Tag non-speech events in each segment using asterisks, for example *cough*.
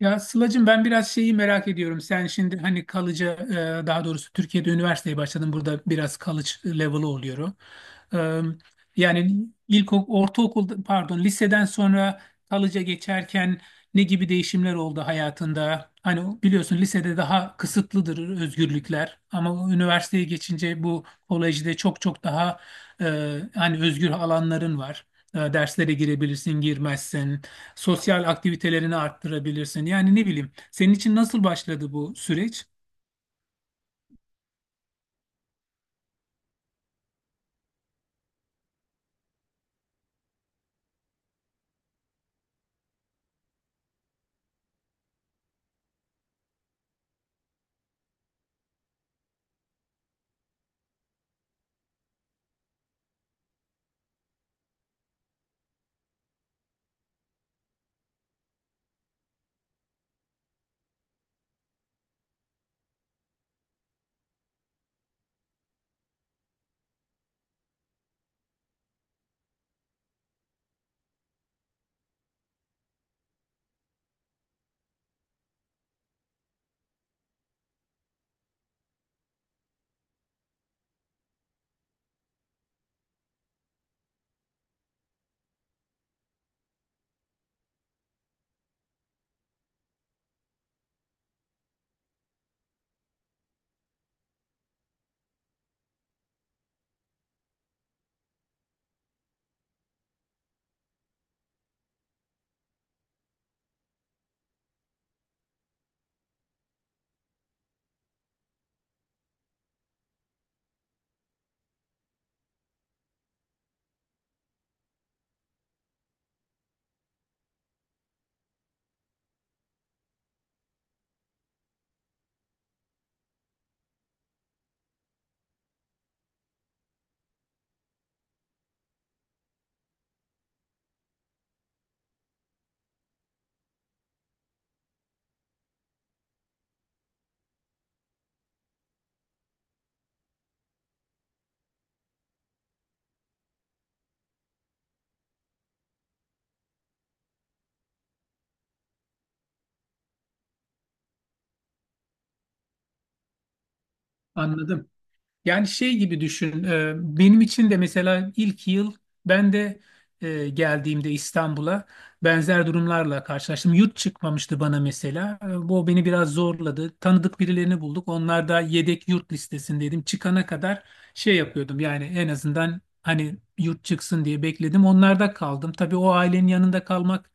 Ya Sıla'cığım ben biraz şeyi merak ediyorum. Sen şimdi hani kalıcı daha doğrusu Türkiye'de üniversiteye başladın. Burada biraz college level'ı oluyor. E, Yani ortaokul pardon liseden sonra kalıca geçerken ne gibi değişimler oldu hayatında? Hani biliyorsun lisede daha kısıtlıdır özgürlükler ama üniversiteye geçince bu kolejde çok daha hani özgür alanların var. Derslere girebilirsin, girmezsin. Sosyal aktivitelerini arttırabilirsin. Yani ne bileyim, senin için nasıl başladı bu süreç? Anladım. Yani şey gibi düşün. Benim için de mesela ilk yıl ben de geldiğimde İstanbul'a benzer durumlarla karşılaştım. Yurt çıkmamıştı bana mesela. Bu beni biraz zorladı. Tanıdık birilerini bulduk. Onlar da yedek yurt listesindeydim. Çıkana kadar şey yapıyordum. Yani en azından hani yurt çıksın diye bekledim. Onlarda kaldım. Tabii o ailenin yanında kalmak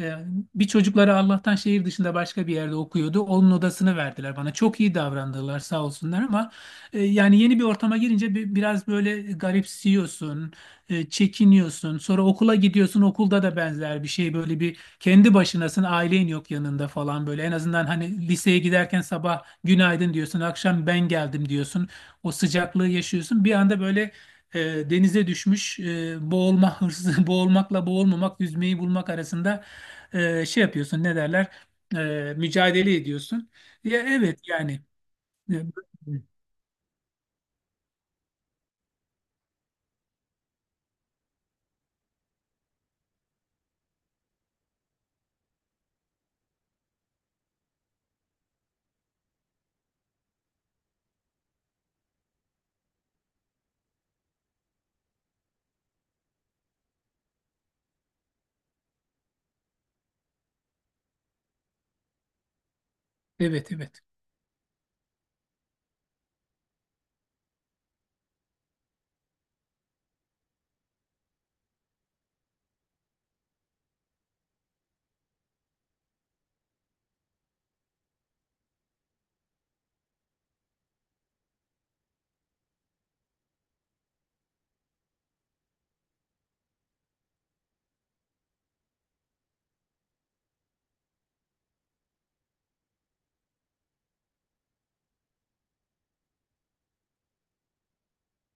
e, bir çocukları Allah'tan şehir dışında başka bir yerde okuyordu. Onun odasını verdiler bana. Çok iyi davrandılar sağ olsunlar ama yani yeni bir ortama girince biraz böyle garipsiyorsun, çekiniyorsun. Sonra okula gidiyorsun, okulda da benzer bir şey. Böyle bir kendi başınasın, ailen yok yanında falan böyle. En azından hani liseye giderken sabah günaydın diyorsun, akşam ben geldim diyorsun. O sıcaklığı yaşıyorsun. Bir anda böyle e, denize düşmüş, boğulma hırsı, *laughs* boğulmakla boğulmamak, yüzmeyi bulmak arasında şey yapıyorsun, ne derler? Mücadele ediyorsun. Ya evet yani. E, Evet, evet.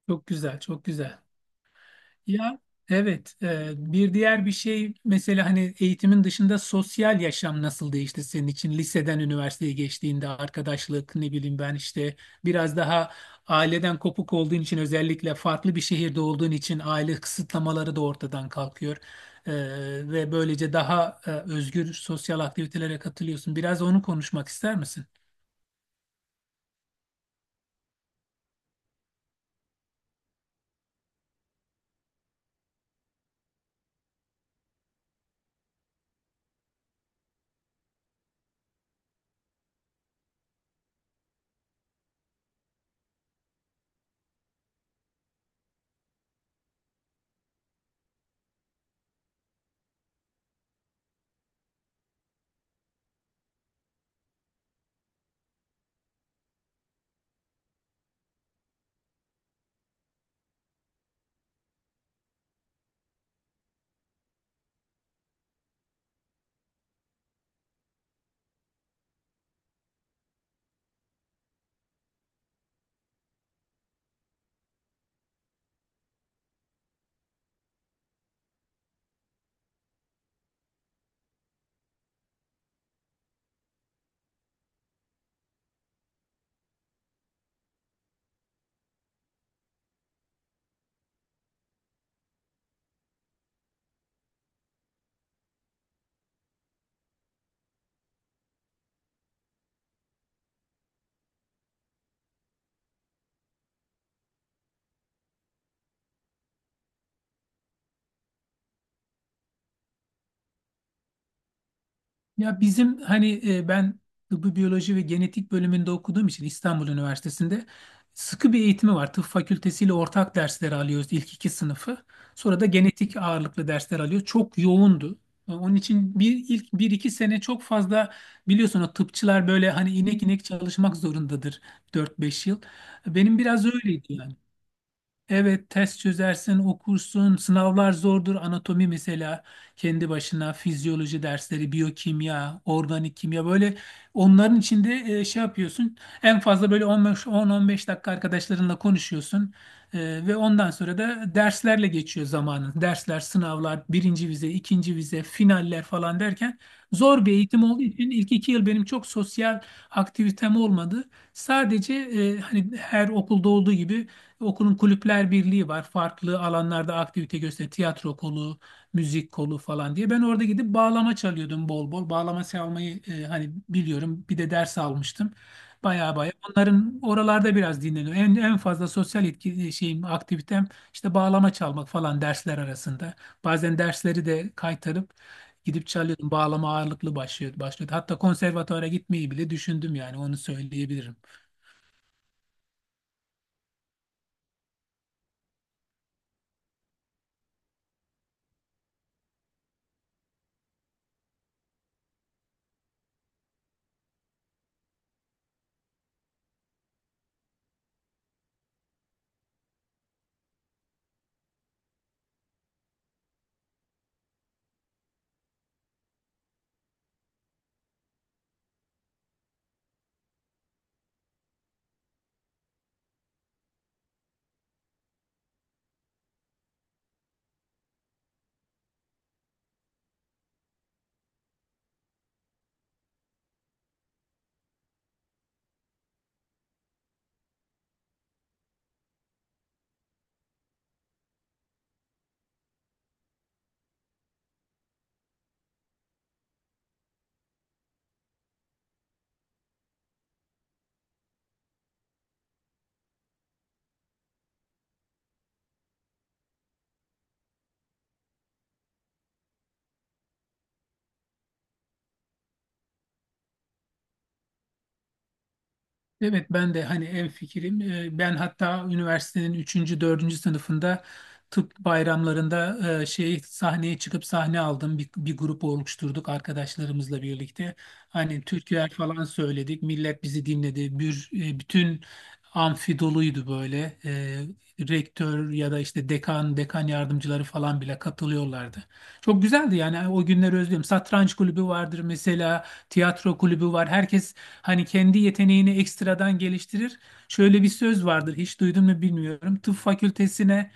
Çok güzel, çok güzel. Ya evet, bir diğer bir şey mesela hani eğitimin dışında sosyal yaşam nasıl değişti senin için? Liseden üniversiteye geçtiğinde arkadaşlık ne bileyim ben işte biraz daha aileden kopuk olduğun için özellikle farklı bir şehirde olduğun için aile kısıtlamaları da ortadan kalkıyor. E, ve böylece daha özgür sosyal aktivitelere katılıyorsun. Biraz onu konuşmak ister misin? Ya bizim hani ben tıbbi biyoloji ve genetik bölümünde okuduğum için İstanbul Üniversitesi'nde sıkı bir eğitimi var. Tıp fakültesiyle ortak dersleri alıyoruz ilk iki sınıfı. Sonra da genetik ağırlıklı dersler alıyor. Çok yoğundu. Onun için bir ilk bir iki sene çok fazla biliyorsun o tıpçılar böyle hani inek inek çalışmak zorundadır 4 5 yıl. Benim biraz öyleydi yani. Evet, test çözersin, okursun. Sınavlar zordur. Anatomi mesela kendi başına, fizyoloji dersleri, biyokimya, organik kimya böyle onların içinde şey yapıyorsun. En fazla böyle 15 10-15 dakika arkadaşlarınla konuşuyorsun. Ve ondan sonra da derslerle geçiyor zamanın. Dersler, sınavlar, birinci vize, ikinci vize, finaller falan derken zor bir eğitim olduğu için ilk iki yıl benim çok sosyal aktivitem olmadı. Sadece hani her okulda olduğu gibi okulun kulüpler birliği var. Farklı alanlarda aktivite gösteren tiyatro kolu, müzik kolu falan diye. Ben orada gidip bağlama çalıyordum bol bol. Bağlama çalmayı hani biliyorum. Bir de ders almıştım. Baya baya. Onların oralarda biraz dinleniyor. En fazla sosyal etki, şeyim, aktivitem işte bağlama çalmak falan dersler arasında. Bazen dersleri de kaytarıp gidip çalıyordum. Bağlama ağırlıklı başlıyordu. Hatta konservatuvara gitmeyi bile düşündüm yani onu söyleyebilirim. Evet ben de hani en fikrim. Ben hatta üniversitenin üçüncü dördüncü sınıfında tıp bayramlarında şey sahneye çıkıp sahne aldım. Bir grup oluşturduk arkadaşlarımızla birlikte. Hani türküler falan söyledik. Millet bizi dinledi. Bütün amfi doluydu böyle. Rektör ya da işte dekan yardımcıları falan bile katılıyorlardı. Çok güzeldi yani o günleri özlüyorum. Satranç kulübü vardır mesela tiyatro kulübü var. Herkes hani kendi yeteneğini ekstradan geliştirir. Şöyle bir söz vardır, hiç duydun mu bilmiyorum. Tıp fakültesine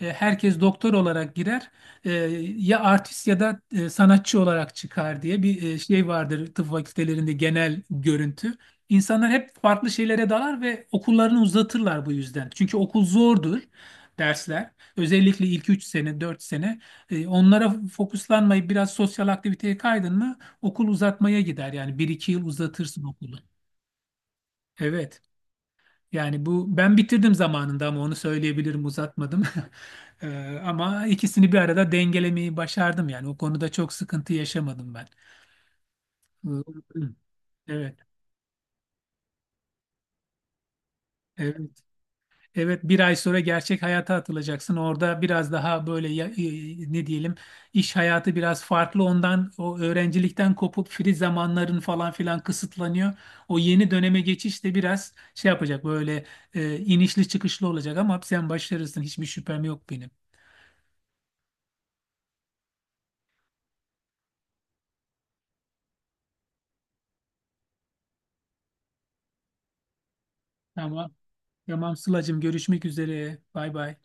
herkes doktor olarak girer. E, Ya artist ya da sanatçı olarak çıkar diye bir şey vardır tıp fakültelerinde genel görüntü. İnsanlar hep farklı şeylere dalar ve okullarını uzatırlar bu yüzden. Çünkü okul zordur dersler. Özellikle ilk 3 sene, 4 sene. Onlara fokuslanmayıp biraz sosyal aktiviteye kaydın mı okul uzatmaya gider yani 1 2 yıl uzatırsın okulu. Evet. Yani bu ben bitirdim zamanında ama onu söyleyebilirim uzatmadım. *laughs* Ama ikisini bir arada dengelemeyi başardım yani o konuda çok sıkıntı yaşamadım ben. Ee, Evet. Evet. Evet 1 ay sonra gerçek hayata atılacaksın. Orada biraz daha böyle ne diyelim iş hayatı biraz farklı ondan o öğrencilikten kopup free zamanların falan filan kısıtlanıyor. O yeni döneme geçiş de biraz şey yapacak böyle inişli çıkışlı olacak ama sen başarırsın hiçbir şüphem yok benim. Tamam. Tamam Sıla'cığım görüşmek üzere. Bay bay.